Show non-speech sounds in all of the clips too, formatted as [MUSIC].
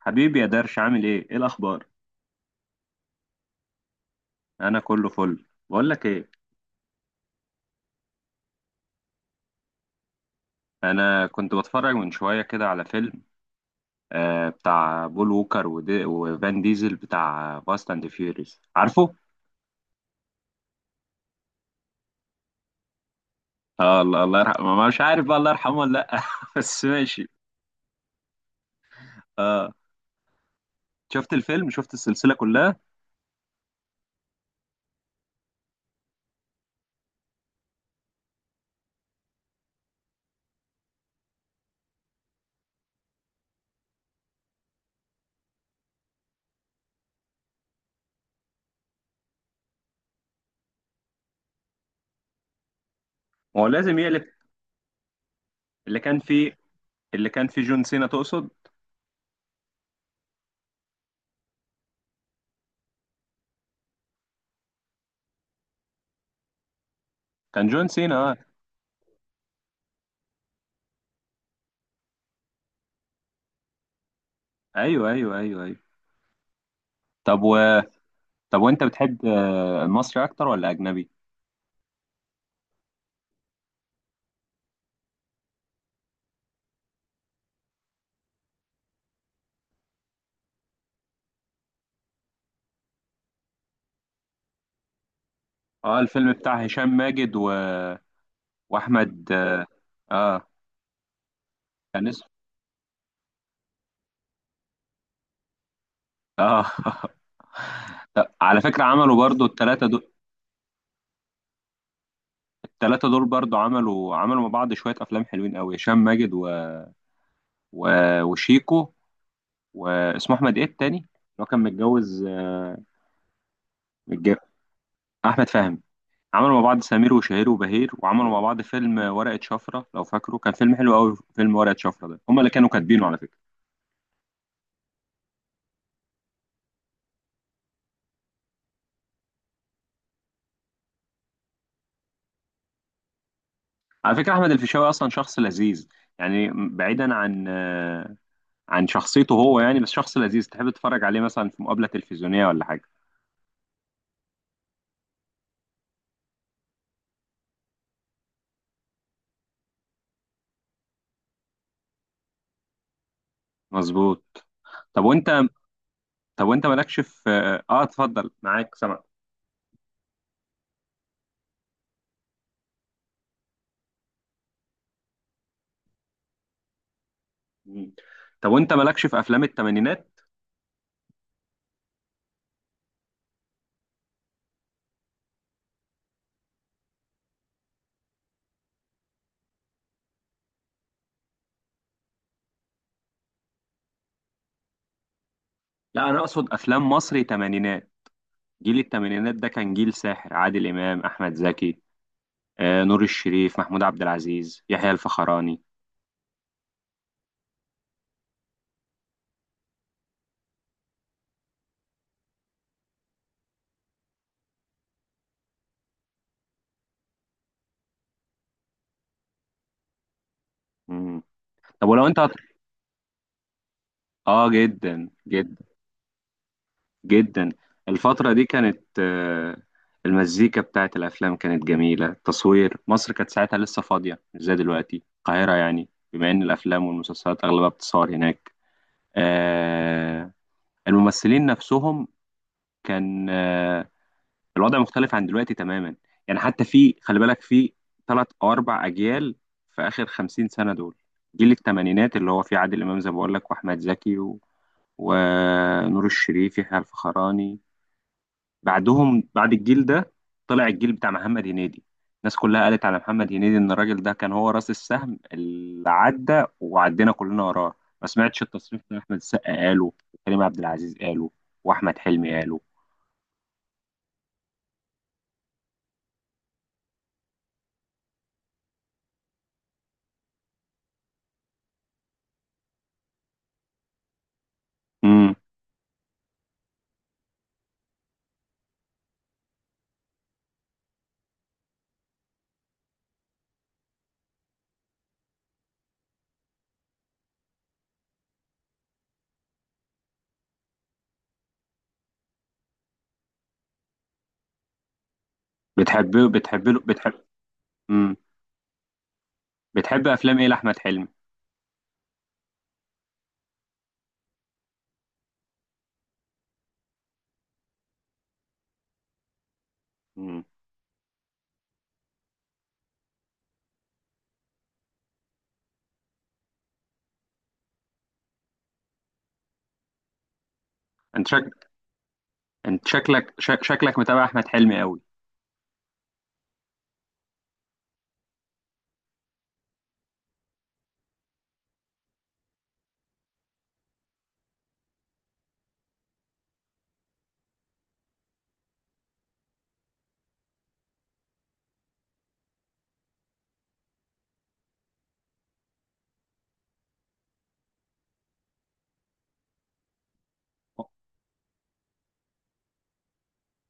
حبيبي يا درش، عامل ايه؟ ايه الاخبار؟ انا كله فل. بقول لك ايه؟ انا كنت بتفرج من شويه كده على فيلم بتاع بول ووكر ودي وفان ديزل بتاع فاست اند فيوريز، عارفه؟ آه، الله يرحمه، مش عارف بقى الله يرحمه ولا لا، [LAUGHS] بس ماشي. اه. شفت الفيلم، شفت السلسله كلها؟ ما هو لازم يقلب. اللي كان فيه اللي كان فيه جون سينا، تقصد؟ كان جون سينا، اه. ايوه، ايوه، ايوه، ايوه. طب و... طب وانت بتحب المصري اكتر ولا اجنبي؟ اه، الفيلم بتاع هشام ماجد واحمد، آه، كان اسمه، اه [LAUGHS] لا، على فكره عملوا برضو الثلاثه دول برضو عملوا مع بعض شويه افلام حلوين قوي، هشام ماجد و... وشيكو. واسمه احمد ايه التاني اللي هو كان متجوز، متج- احمد فهمي. عملوا مع بعض سمير وشهير وبهير، وعملوا مع بعض فيلم ورقه شفره، لو فاكره، كان فيلم حلو قوي. فيلم ورقه شفره ده هم اللي كانوا كاتبينه، على فكره. على فكره، احمد الفيشاوي اصلا شخص لذيذ. يعني بعيدا عن شخصيته هو، يعني بس شخص لذيذ تحب تتفرج عليه، مثلا في مقابلة تلفزيونية ولا حاجة. مظبوط. طب وانت طب وانت مالكش في، اتفضل معاك سمع. مم. طب وانت مالكش في افلام الثمانينات؟ لا، انا اقصد افلام مصري ثمانينات. جيل الثمانينات ده كان جيل ساحر، عادل امام، احمد زكي، نور الشريف، محمود عبد العزيز، يحيى الفخراني. مم. طب ولو انت اه، جدا جدا جدا. الفترة دي كانت، المزيكا بتاعت الأفلام كانت جميلة، التصوير، مصر كانت ساعتها لسه فاضية مش زي دلوقتي. القاهرة يعني، بما إن الأفلام والمسلسلات أغلبها بتصور هناك. آه، الممثلين نفسهم كان، الوضع مختلف عن دلوقتي تماما. يعني حتى في، خلي بالك، في ثلاث أو أربع أجيال في آخر 50 سنة دول. جيل الثمانينات اللي هو فيه عادل إمام زي ما بقول لك، وأحمد زكي ونور الشريف، يحيى الفخراني. بعد الجيل ده طلع الجيل بتاع محمد هنيدي. الناس كلها قالت على محمد هنيدي ان الراجل ده كان هو راس السهم اللي عدى، وعدينا كلنا وراه. ما سمعتش التصريح ده؟ احمد السقا قاله، وكريم عبد العزيز قاله، واحمد حلمي قاله. امم. بتحب. امم. بتحب افلام ايه لاحمد حلمي؟ امم. انت شك... انت شكلك شك... شكلك متابع احمد حلمي قوي.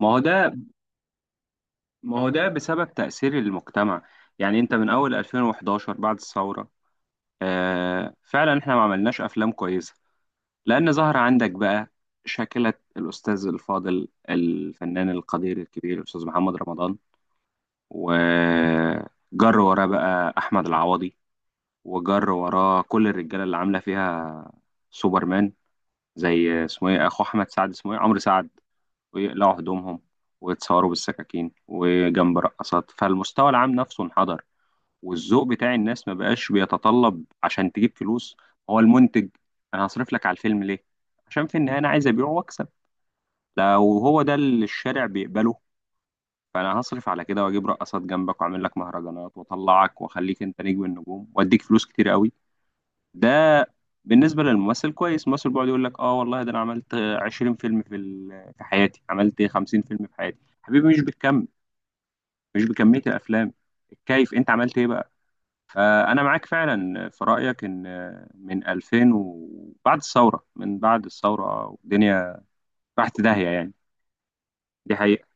ما هو ده ما هو ده بسبب تأثير المجتمع. يعني انت من اول 2011 بعد الثورة. آه، فعلا احنا ما عملناش افلام كويسه. لان ظهر عندك بقى شاكله الاستاذ الفاضل الفنان القدير الكبير الاستاذ محمد رمضان. وجر وراه بقى احمد العوضي، وجر وراه كل الرجاله اللي عامله فيها سوبرمان. زي اسمه ايه، اخو احمد سعد اسمه ايه، عمرو سعد. ويقلعوا هدومهم ويتصوروا بالسكاكين وجنب رقصات، فالمستوى العام نفسه انحدر. والذوق بتاع الناس ما بقاش بيتطلب. عشان تجيب فلوس، هو المنتج. انا هصرف لك على الفيلم ليه؟ عشان في النهايه انا عايز ابيعه واكسب. لو هو ده اللي الشارع بيقبله، فانا هصرف على كده، واجيب رقصات جنبك، واعمل لك مهرجانات، واطلعك، واخليك انت نجم النجوم، واديك فلوس كتير قوي. ده بالنسبه للممثل كويس. الممثل بيقعد يقول لك، اه والله ده انا عملت 20 فيلم في حياتي، عملت 50 فيلم في حياتي. حبيبي، مش بالكم، مش بكميه الافلام، الكيف، انت عملت ايه بقى؟ فأنا معاك فعلا في رأيك، إن من 2000 وبعد الثورة، من بعد الثورة والدنيا راحت داهية يعني. دي حقيقة.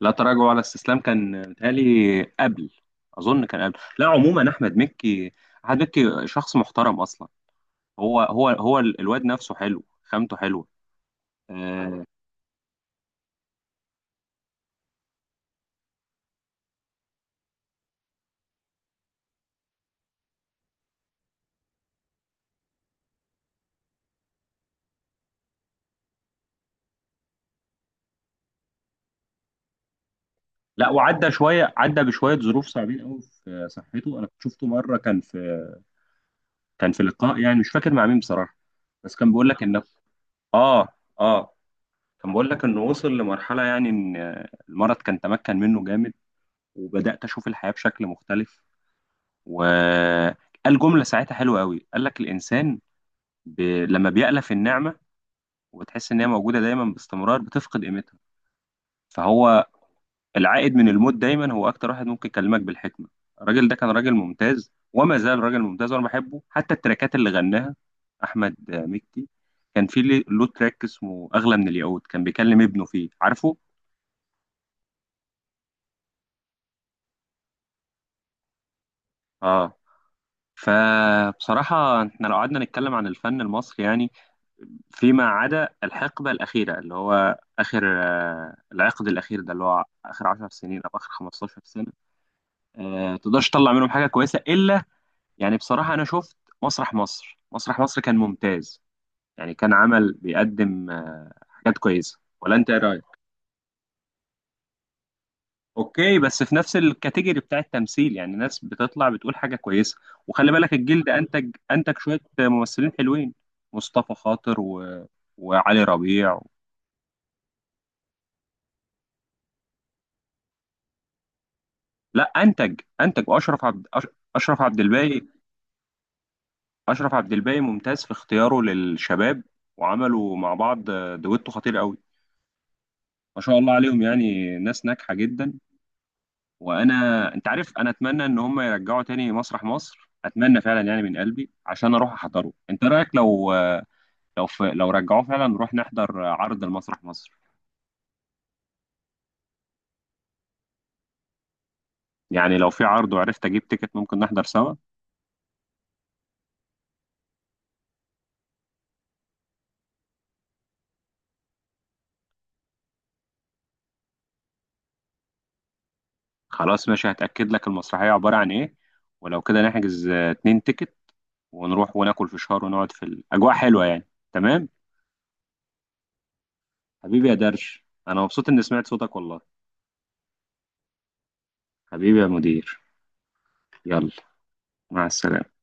لا تراجع ولا استسلام كان متهيألي قبل. أظن كان قبل. لا، عموما أحمد مكي، أحمد مكي شخص محترم أصلا. هو الواد نفسه حلو، خامته حلوة. آه. لا، وعدى شوية، عدى بشوية ظروف صعبين قوي في صحته. أنا كنت شفته مرة، كان في لقاء، يعني مش فاكر مع مين بصراحة. بس كان بيقول لك إن، اه اه كان بقول لك انه وصل لمرحلة، يعني ان المرض كان تمكن منه جامد، وبدأت اشوف الحياة بشكل مختلف. وقال جملة ساعتها حلوة قوي، قال لك، الانسان لما بيألف النعمة وتحس ان هي موجودة دايما باستمرار، بتفقد قيمتها. فهو العائد من الموت دايما هو اكتر واحد ممكن يكلمك بالحكمة. الراجل ده كان راجل ممتاز وما زال راجل ممتاز، وانا بحبه حتى التراكات اللي غناها احمد مكي. كان في له تراك اسمه اغلى من الياقوت، كان بيكلم ابنه فيه، عارفه؟ اه. فبصراحة، احنا لو قعدنا نتكلم عن الفن المصري، يعني فيما عدا الحقبة الأخيرة اللي هو آخر، العقد الأخير ده اللي هو آخر 10 سنين أو آخر 15 سنة، تقدرش تطلع منهم حاجة كويسة إلا، يعني بصراحة أنا شفت مسرح مصر. مسرح مصر كان ممتاز. يعني كان بيقدم حاجات كويسة، ولا أنت إيه رأيك؟ اوكي، بس في نفس الكاتيجوري بتاع التمثيل، يعني ناس بتطلع بتقول حاجه كويسه. وخلي بالك الجيل ده انتج شويه ممثلين حلوين. مصطفى خاطر وعلي ربيع لا، انتج، اشرف عبد الباقي اشرف عبد الباقي ممتاز في اختياره للشباب. وعملوا مع بعض دويتو خطير قوي، ما شاء الله عليهم، يعني ناس ناجحه جدا. وانا انت عارف، انا اتمنى ان هم يرجعوا تاني مسرح مصر، اتمنى فعلا يعني من قلبي عشان اروح احضره. انت رايك، لو، لو في لو رجعوه فعلا، نروح نحضر عرض المسرح مصر؟ يعني لو في عرض وعرفت اجيب تيكت، ممكن نحضر سوا. خلاص ماشي، هتأكد لك المسرحية عبارة عن ايه، ولو كده نحجز 2 تيكت، ونروح وناكل فشار ونقعد في الأجواء حلوة يعني. تمام. حبيبي يا درش، أنا مبسوط إني سمعت صوتك والله. حبيبي يا مدير، يلا، مع السلامة.